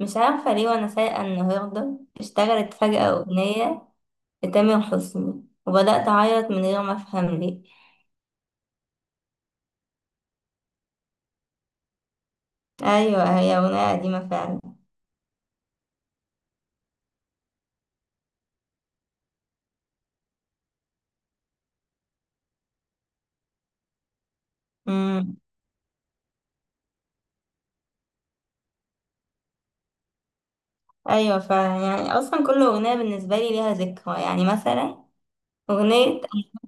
مش عارفة ليه وأنا سايقة النهاردة اشتغلت فجأة أغنية لتامر حسني وبدأت أعيط من غير ما أفهم ليه. أيوة هي أغنية قديمة فعلا. امم أيوة فعلا، يعني أصلا كل أغنية بالنسبة لي ليها ذكرى، يعني مثلا أغنية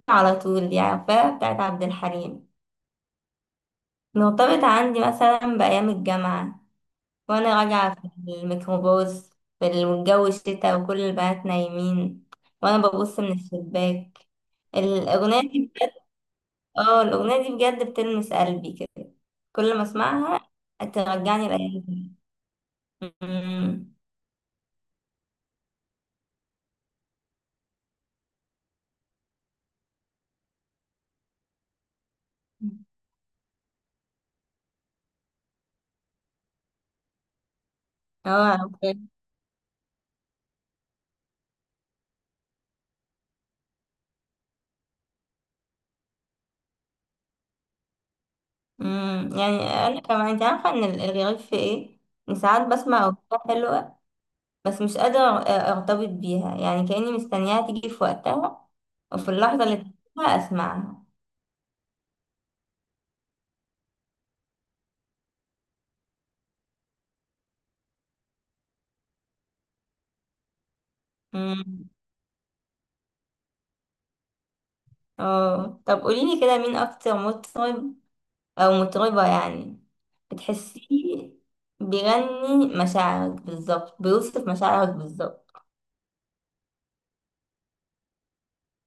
أنا على طول دي عارفاها بتاعت عبد الحليم، مرتبطة عندي مثلا بأيام الجامعة وأنا راجعة في الميكروباص في الجو الشتا وكل البنات نايمين وأنا ببص من الشباك الأغنية دي. اه الأغنية دي بجد بتلمس قلبي كده كل ما اسمعها، ترجعني لأيام زمان. أمم. اه اوكي. أمم. يعني انا كمان، انت عارفة ان الغريب في ايه؟ ان ساعات بسمع أغنية حلوة بس مش قادرة ارتبط بيها، يعني كأني مستنياها تيجي في وقتها وفي اللحظة اللي تحبها اسمعها. أمم. اه طب قوليلي كده، مين اكتر مطرب أو مطربة يعني بتحسيه بيغني مشاعرك بالظبط، بيوصف مشاعرك بالظبط؟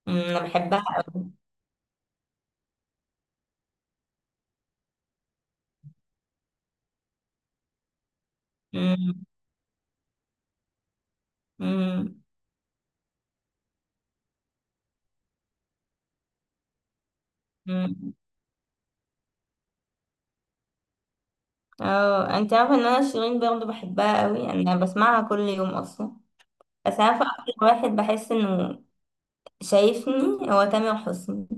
أمم، أنا بحبها أوي. أمم، أمم، أمم. اه انت عارفة ان انا شيرين برضه بحبها أوي، يعني انا بسمعها كل يوم اصلا. بس عارفة اكتر واحد بحس انه شايفني؟ هو تامر حسني،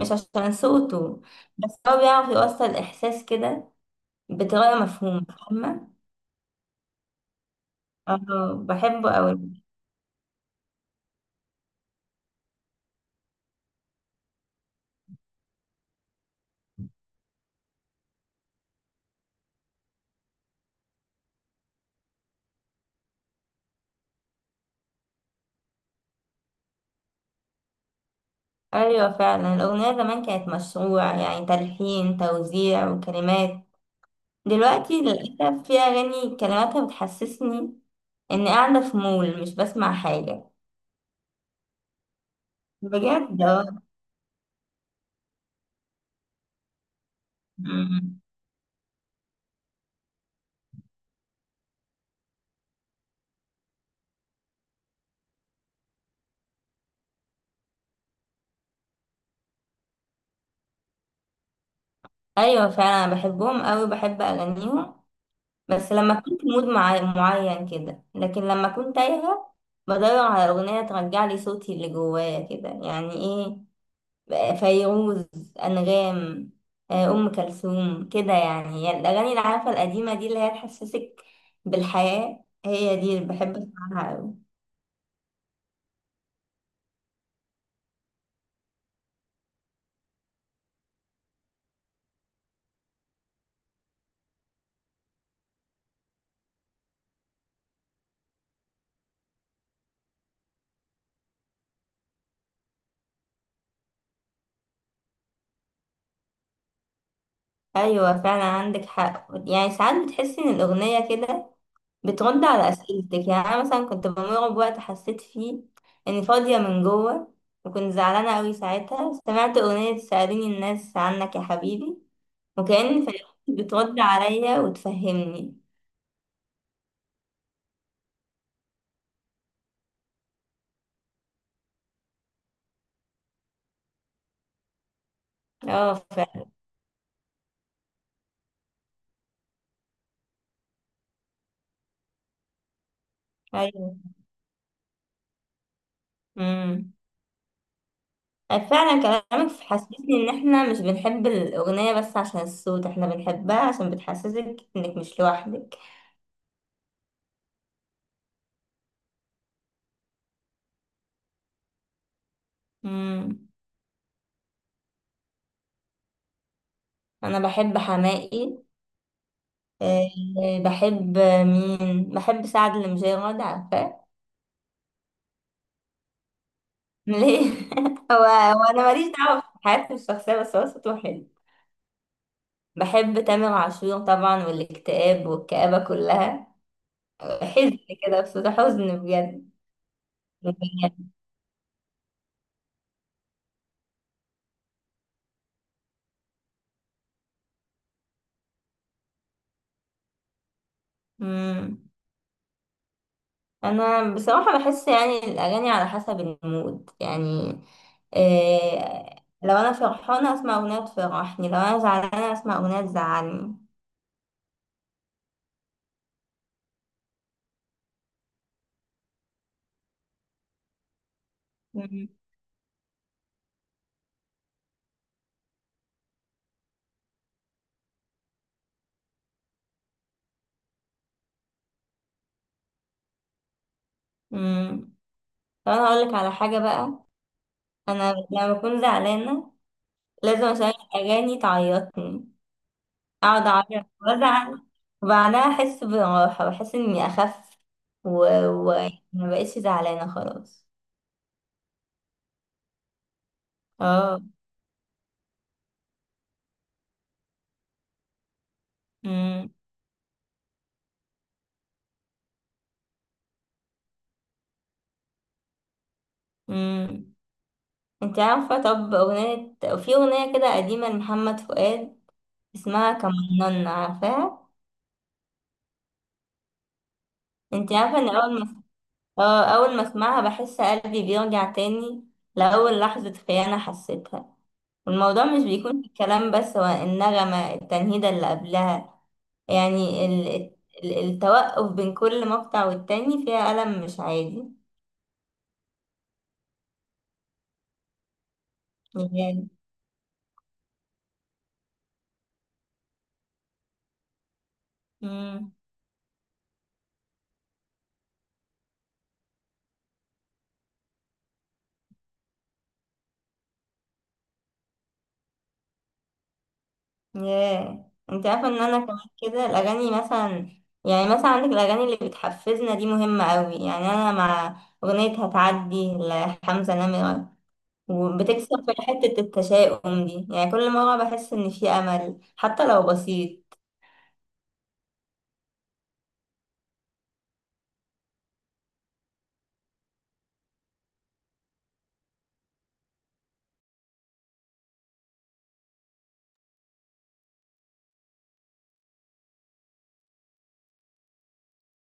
مش عشان صوته بس هو بيعرف يوصل احساس كده بطريقة مفهومة، فاهمة؟ اه بحبه أوي. ايوه فعلا الاغنيه زمان كانت مشروع، يعني تلحين، توزيع وكلمات. دلوقتي للاسف في اغاني كلماتها بتحسسني اني قاعده في مول مش بسمع حاجه. بجد اه. أمم. ايوه فعلا أنا بحبهم قوي، بحب اغانيهم، بس لما كنت مود معين كده، لكن لما كنت تايهه بدور على اغنيه ترجع لي صوتي اللي جوايا كده، يعني ايه، فيروز، أنغام، آه، أم كلثوم كده، يعني هي الأغاني اللي عارفة القديمة دي اللي هي تحسسك بالحياة، هي دي اللي بحب أسمعها أوي. أيوة فعلا عندك حق، يعني ساعات بتحسي إن الأغنية كده بترد على أسئلتك. يعني أنا مثلا كنت بمر بوقت حسيت فيه إني فاضية من جوه، وكنت زعلانة أوي ساعتها، سمعت أغنية سأليني الناس عنك يا حبيبي، وكأن فيروز بترد عليا وتفهمني. اه فعلا. أيوة. مم. آه، فعلا. كلامك حسسني ان احنا مش بنحب الاغنية بس عشان الصوت، احنا بنحبها عشان بتحسسك انك مش لوحدك. مم. انا بحب حماقي. أه بحب، مين بحب، سعد المجرد عارفاه؟ ليه؟ هو هو انا ماليش دعوة بحياتي الشخصية، بس هو صوته حلو. بحب تامر عاشور طبعا، والاكتئاب والكآبة كلها، حزن كده، بصوت حزن بجد. بجد. مم. انا بصراحه بحس يعني الاغاني على حسب المود، يعني إيه، لو انا فرحانه اسمع اغنيه تفرحني، لو انا زعلانه اسمع اغنيه تزعلني. مم. امم. طب انا هقولك على حاجه بقى، انا لما بكون زعلانه لازم اشغل اغاني تعيطني، اقعد اعيط وازعل وبعدها احس براحه، بحس اني اخف و... و... ما بقتش زعلانه خلاص. اه. امم. انت عارفة، طب أغنية، في أغنية كده قديمة لمحمد فؤاد اسمها كمنان، عارفاها؟ انت عارفة ان أول ما، اه أول ما اسمعها بحس قلبي بيرجع تاني لأول لحظة خيانة حسيتها، والموضوع مش بيكون في الكلام بس، هو النغمة، التنهيدة اللي قبلها، يعني التوقف بين كل مقطع والتاني فيها ألم مش عادي. يعني. مم. ياه انت عارفه ان انا كمان كده الاغاني، مثلا يعني مثلا عندك الاغاني اللي بتحفزنا دي، مهمه قوي، يعني انا مع اغنيه هتعدي لحمزه نمره، وبتكسر في حته التشاؤم دي، يعني كل مره بحس ان في امل حتى لو بسيط.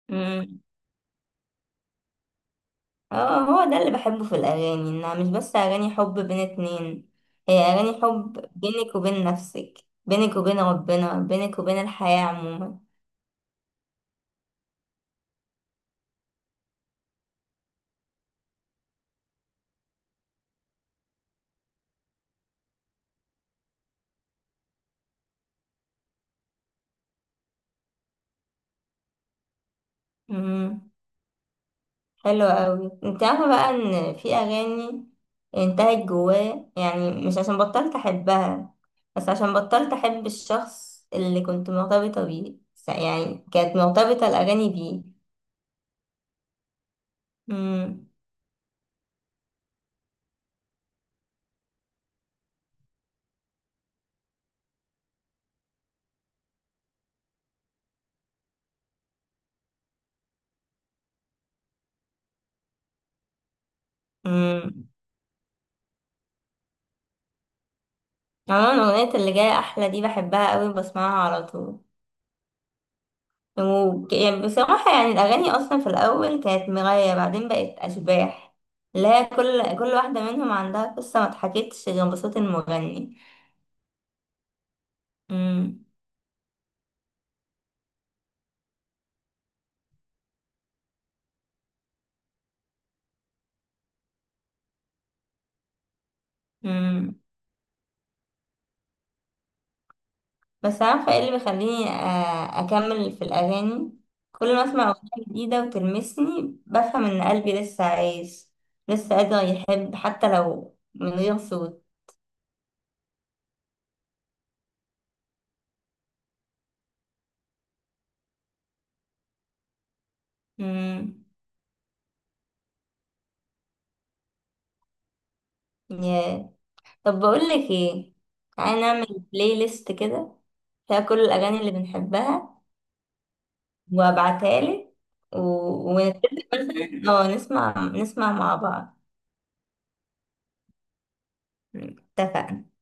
امم. اه هو ده اللي بحبه في الاغاني، انها مش بس اغاني حب بين اتنين، هي اغاني حب بينك وبين نفسك، بينك وبين ربنا، بينك وبين الحياه. عموما حلو قوي. انت عارفه بقى ان في اغاني انتهت جوايا، يعني مش عشان بطلت احبها، بس عشان بطلت احب الشخص اللي كنت مرتبطه بيه، يعني كانت مرتبطه الاغاني بيه. امم. امم. عموما اغنيه اللي جايه احلى دي بحبها قوي، بسمعها على طول. يعني بصراحه، يعني الاغاني اصلا في الاول كانت مرايه، بعدين بقت اشباح، اللي هي كل واحده منهم عندها قصه ما اتحكتش غير بصوت المغني. امم. بس عارفة ايه اللي بيخليني آه، أكمل في الأغاني؟ كل ما أسمع أغنية جديدة وتلمسني بفهم إن قلبي لسه عايش، لسه قادر يحب حتى لو من غير صوت. مم. ياه. طب بقولك ايه، تعالى نعمل بلاي ليست كده فيها كل الأغاني اللي بنحبها، وأبعتها لك، و... ونتفق مثلا، اه نسمع، مع بعض. اتفقنا.